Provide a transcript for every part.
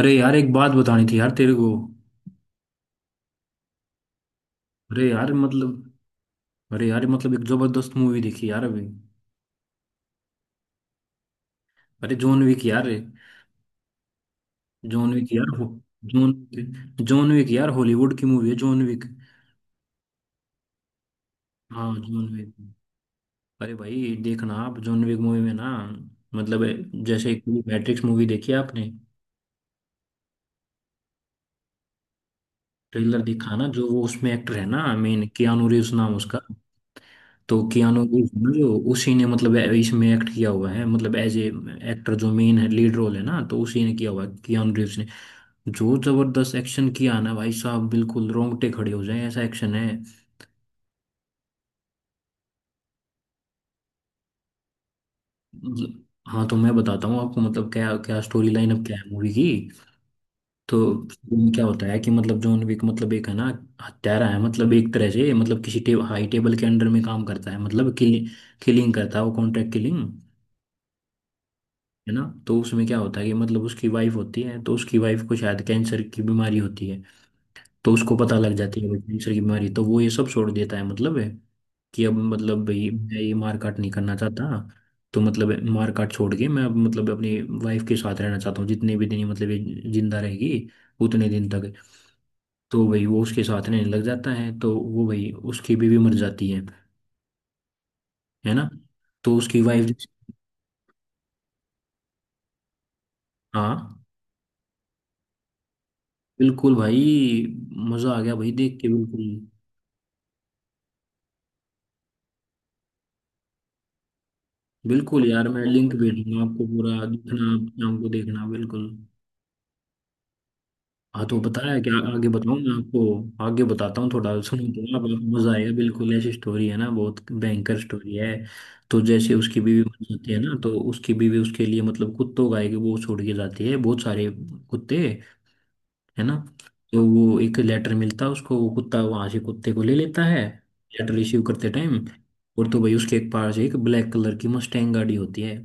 अरे यार, एक बात बतानी थी यार तेरे को। अरे यार मतलब, अरे यार मतलब एक जबरदस्त मूवी देखी यार अभी। अरे जॉन विक यार। जॉन विक यार। हो जॉन, जॉन विक यार, हॉलीवुड की मूवी है जॉन विक। हाँ जॉन विक। अरे भाई देखना, आप जॉन विक मूवी में ना मतलब, जैसे एक मैट्रिक्स मूवी देखी है आपने। ट्रेलर देखा ना, जो वो उसमें एक्टर है ना मेन, कियानू रीव्स नाम उसका। तो कियानो रीव्स ना, जो उसी ने मतलब इसमें एक्ट किया हुआ है, मतलब एज ए एक्टर जो मेन है, लीड रोल है ना, तो उसी ने किया हुआ है कियानो रीव्स ने। जो जबरदस्त एक्शन किया है ना भाई साहब, बिल्कुल रोंगटे खड़े हो जाए ऐसा एक्शन है। मतलब- हाँ तो मैं बताता हूँ आपको, मतलब क्या क्या स्टोरी लाइन अब क्या है मूवी की। तो उसमें क्या होता है कि मतलब जॉन विक मतलब एक है ना, हत्यारा है, मतलब एक तरह से मतलब किसी हाई टेबल के अंडर में काम करता है, मतलब किलिंग करता है, वो कॉन्ट्रैक्ट किलिंग है ना। तो उसमें क्या होता है कि मतलब उसकी वाइफ होती है, तो उसकी वाइफ को शायद कैंसर की बीमारी होती है। तो उसको पता लग जाती है भाई कैंसर की बीमारी, तो वो ये सब छोड़ देता है, मतलब है कि अब मतलब भाई मैं ये मार काट नहीं करना चाहता। तो मतलब मार काट छोड़ के मैं अब मतलब अपनी वाइफ के साथ रहना चाहता हूँ जितने भी दिन ये मतलब ये जिंदा रहेगी उतने दिन तक। तो भाई वो उसके साथ रहने लग जाता है, तो वो भाई उसकी बीवी मर जाती है ना। तो उसकी वाइफ, हाँ। बिल्कुल भाई, मजा आ गया भाई देख के बिल्कुल। बिल्कुल यार, मैं लिंक भेजूंगा आपको, पूरा दिखना, आप शाम को देखना बिल्कुल। हाँ तो बताया, क्या आगे बताऊँ? मैं आपको आगे बताता हूँ थोड़ा, सुनो तो, आप आपको मजा आएगा बिल्कुल। ऐसी स्टोरी है ना, बहुत भयंकर स्टोरी है। तो जैसे उसकी बीवी मर जाती है ना, तो उसकी बीवी उसके लिए मतलब कुत्तों का एक वो छोड़ के जाती है, बहुत सारे कुत्ते, है ना। तो वो एक लेटर मिलता है उसको, वो कुत्ता वहां से, कुत्ते को ले लेता है लेटर रिसीव करते टाइम। और तो भाई उसके एक पास एक ब्लैक कलर की मस्टैंग गाड़ी होती है,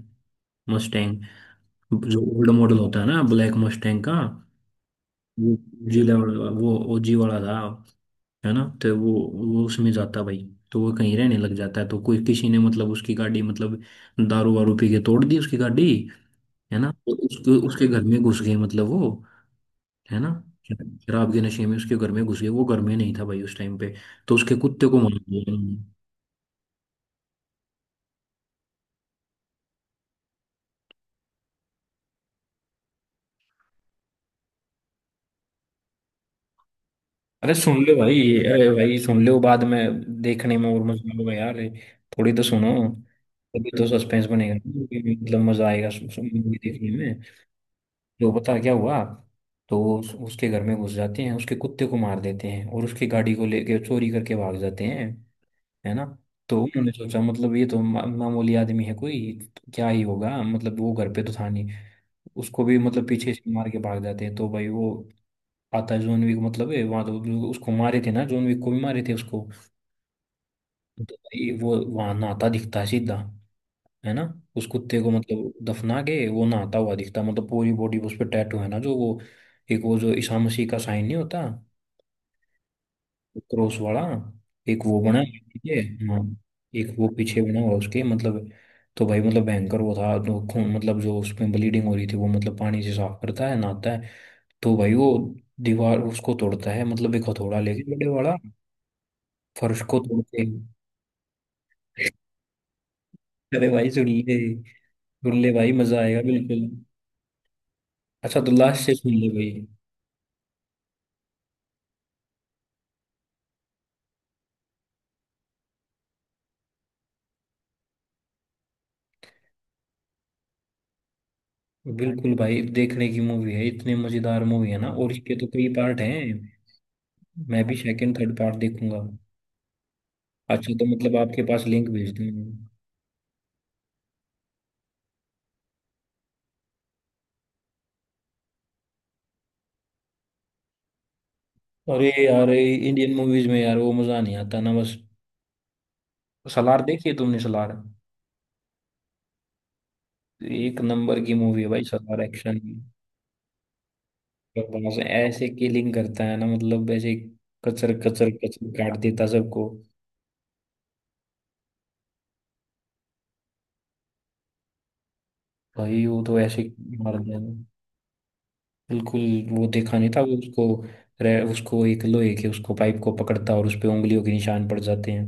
मस्टैंग, जो ओल्ड मॉडल होता है ना ब्लैक मस्टैंग का। वो जी लेवल, वो ओजी वाला था, है ना। वो उसमें जाता भाई। तो वो कहीं रहने लग जाता है, तो कोई किसी ने मतलब उसकी गाड़ी मतलब दारू वारू पी के तोड़ दी उसकी गाड़ी, है ना। तो उसके उसके घर में घुस गए मतलब वो, है ना, शराब के नशे में उसके घर में घुस गए। वो घर में नहीं था भाई उस टाइम पे। तो उसके कुत्ते को मार दिया। अरे सुन लो भाई। अरे भाई सुन लो, बाद में देखने में और मजा आएगा यार। थोड़ी तो सुनो, तभी तो सस्पेंस बनेगा ना, मतलब मजा आएगा मूवी देखने में। जो पता क्या हुआ। तो उसके घर में घुस जाते हैं, उसके कुत्ते को मार देते हैं, और उसकी गाड़ी को लेके चोरी करके भाग जाते हैं, है ना। तो उन्होंने सोचा मतलब ये तो मामूली आदमी है कोई, तो क्या ही होगा, मतलब वो घर पे तो था नहीं। उसको भी मतलब पीछे से मार के भाग जाते हैं। तो भाई वो आता है जॉन विक, मतलब है वहां, तो जो उसको मारे थे ना जॉन विक को, भी मारे थे उसको। तो भाई वो वहां नहाता दिखता है सीधा, है ना। उस कुत्ते को मतलब दफना के वो नहाता हुआ दिखता है, मतलब पूरी बॉडी उस पर टैटू है ना जो वो, एक वो जो ईसा मसीह का साइन नहीं होता, क्रॉस वाला, एक वो बना है पीछे, हाँ। एक वो पीछे बना हुआ उसके, मतलब। तो भाई मतलब भयंकर वो था, तो खून मतलब जो उसमें ब्लीडिंग हो रही थी वो मतलब पानी से साफ करता है, नहाता है। तो भाई वो दीवार उसको तोड़ता है, मतलब एक हथौड़ा लेके बड़े वाला, फर्श को तोड़ते। अरे भाई सुन ले, सुन ले भाई मजा आएगा बिल्कुल। अच्छा तो लास्ट से सुन ले भाई। बिल्कुल भाई, देखने की मूवी है, इतने मजेदार मूवी है ना, और इसके तो कई पार्ट हैं। मैं भी सेकंड थर्ड पार्ट देखूंगा। अच्छा तो मतलब आपके पास लिंक भेज दूंगा। अरे यार इंडियन मूवीज में यार वो मजा नहीं आता ना बस। सलार देखी है तुमने? सलार एक नंबर की मूवी है भाई, सलार, एक्शन बस ऐसे किलिंग करता है ना मतलब, ऐसे कचर कचर कचर काट देता सबको। भाई वो तो ऐसे ही मार दिया था। बिल्कुल। वो देखा नहीं था वो उसको, उसको एक लोहे के उसको पाइप को पकड़ता और उस पे उंगलियों के निशान पड़ जाते हैं।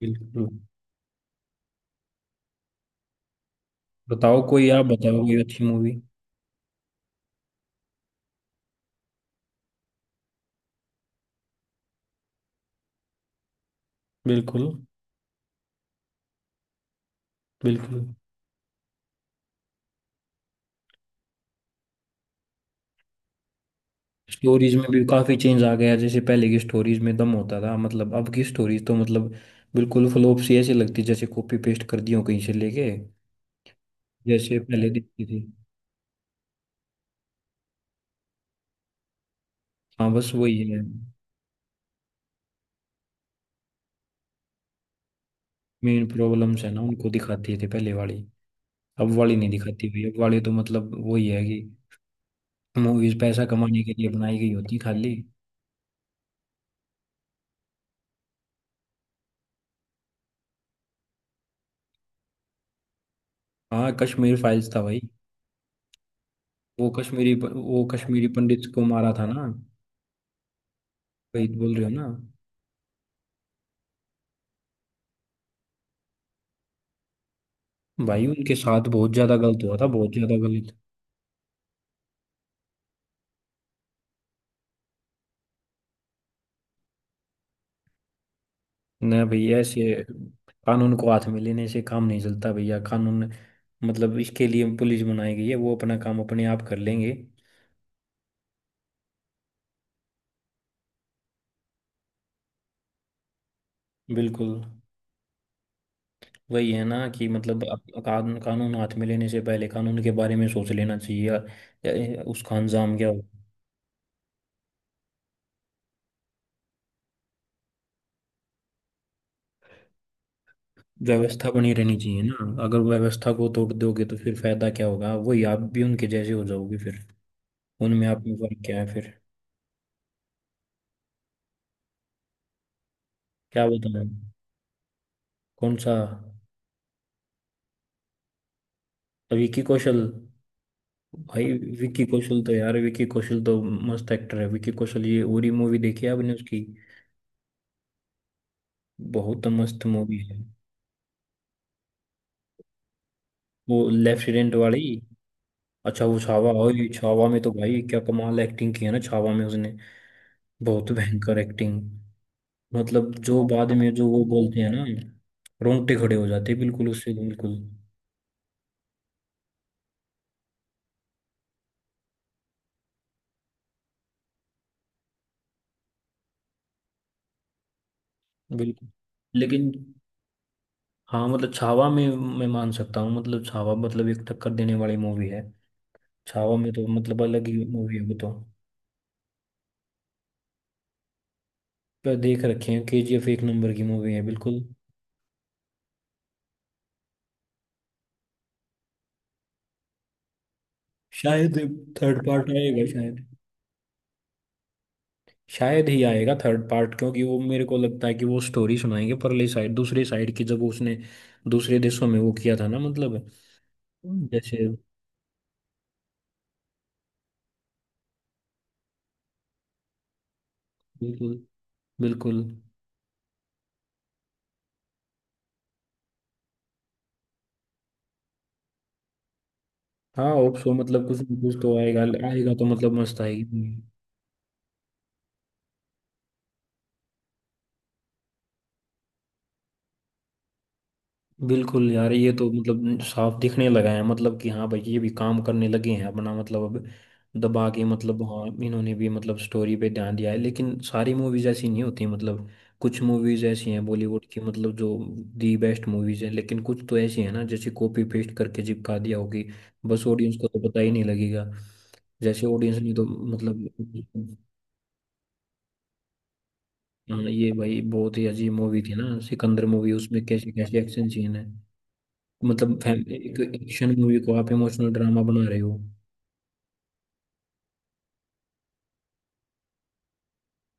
बिल्कुल। बताओ कोई, आप बताओ कोई अच्छी मूवी। बिल्कुल। बिल्कुल। स्टोरीज में भी काफी चेंज आ गया, जैसे पहले की स्टोरीज में दम होता था, मतलब अब की स्टोरीज तो मतलब बिल्कुल फ्लॉप सी ऐसी लगती है, जैसे कॉपी पेस्ट कर दी हो कहीं से लेके, जैसे पहले दिखती थी। हाँ बस वही है। मेन प्रॉब्लम्स है ना उनको दिखाती थी पहले वाली, अब वाली नहीं दिखाती भाई, अब वाली तो मतलब वही है कि मूवीज पैसा कमाने के लिए बनाई गई होती खाली। हाँ कश्मीर फाइल्स था भाई। वो कश्मीरी, वो कश्मीरी पंडित को मारा था ना। वही तो बोल रहे हो ना। भाई उनके साथ बहुत ज्यादा गलत हुआ था, बहुत ज्यादा गलत। ना भाई ऐसे, कानून को हाथ में लेने से काम नहीं चलता भैया, कानून मतलब इसके लिए पुलिस बनाई गई है, वो अपना काम अपने आप कर लेंगे। बिल्कुल। वही है ना कि मतलब कानून, कानून हाथ में लेने से पहले कानून के बारे में सोच लेना चाहिए, या उसका अंजाम क्या होगा। व्यवस्था बनी रहनी चाहिए ना, अगर व्यवस्था को तोड़ दोगे तो फिर फायदा क्या होगा, वही आप भी उनके जैसे हो जाओगे फिर। उनमें आप में फर्क क्या है फिर? क्या बताएं, कौन सा? विकी कौशल? भाई विकी कौशल तो, यार विकी कौशल तो मस्त एक्टर है। विकी कौशल ये, उरी मूवी देखी है आपने उसकी? बहुत मस्त मूवी है। वो लेफ्टिनेंट वाली। अच्छा वो छावा, ओए छावा में तो भाई क्या कमाल एक्टिंग की है ना, छावा में उसने बहुत भयंकर एक्टिंग। मतलब जो बाद में जो वो बोलते हैं ना, रोंगटे खड़े हो जाते हैं बिल्कुल उससे, बिल्कुल। बिल्कुल। लेकिन, हाँ मतलब छावा में मैं मान सकता हूँ, मतलब छावा मतलब एक टक्कर देने वाली मूवी है। छावा में तो मतलब अलग ही मूवी है वो तो। पर देख रखे हैं, केजीएफ एक नंबर की मूवी है बिल्कुल। शायद थर्ड पार्ट आएगा शायद, शायद ही आएगा थर्ड पार्ट, क्योंकि वो मेरे को लगता है कि वो स्टोरी सुनाएंगे परली साइड, दूसरी साइड की, जब उसने दूसरे देशों में वो किया था ना, मतलब जैसे। बिल्कुल। बिल्कुल। हाँ होप सो, मतलब कुछ कुछ तो आएगा। आएगा तो मतलब मस्त आएगी। बिल्कुल यार, ये तो मतलब साफ दिखने लगा है, मतलब कि हाँ भाई, ये भी काम करने लगे हैं अपना, मतलब अब दबा के, मतलब हाँ, इन्होंने भी मतलब स्टोरी पे ध्यान दिया है, लेकिन सारी मूवीज ऐसी नहीं होती मतलब। कुछ मूवीज ऐसी हैं बॉलीवुड की मतलब जो दी बेस्ट मूवीज हैं, लेकिन कुछ तो ऐसी हैं ना जैसे कॉपी पेस्ट करके चिपका दिया होगी, बस ऑडियंस को तो पता ही नहीं लगेगा जैसे, ऑडियंस ने तो मतलब। हाँ, ये भाई बहुत ही अजीब मूवी थी ना सिकंदर मूवी, उसमें कैसे कैसे एक्शन सीन है, मतलब फैमिली एक एक्शन मूवी को आप इमोशनल ड्रामा बना रहे हो।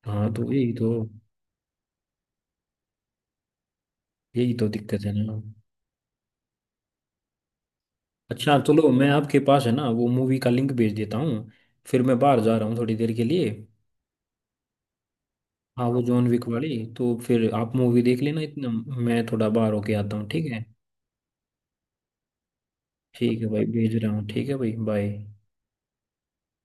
हाँ तो यही तो, यही तो दिक्कत है ना। अच्छा चलो, मैं आपके पास है ना वो मूवी का लिंक भेज देता हूँ, फिर मैं बाहर जा रहा हूँ थोड़ी देर के लिए। हाँ वो जॉन विक वाली। तो फिर आप मूवी देख लेना इतना, मैं थोड़ा बाहर होके आता हूँ ठीक है। ठीक है भाई भेज रहा हूँ, ठीक है भाई, बाय।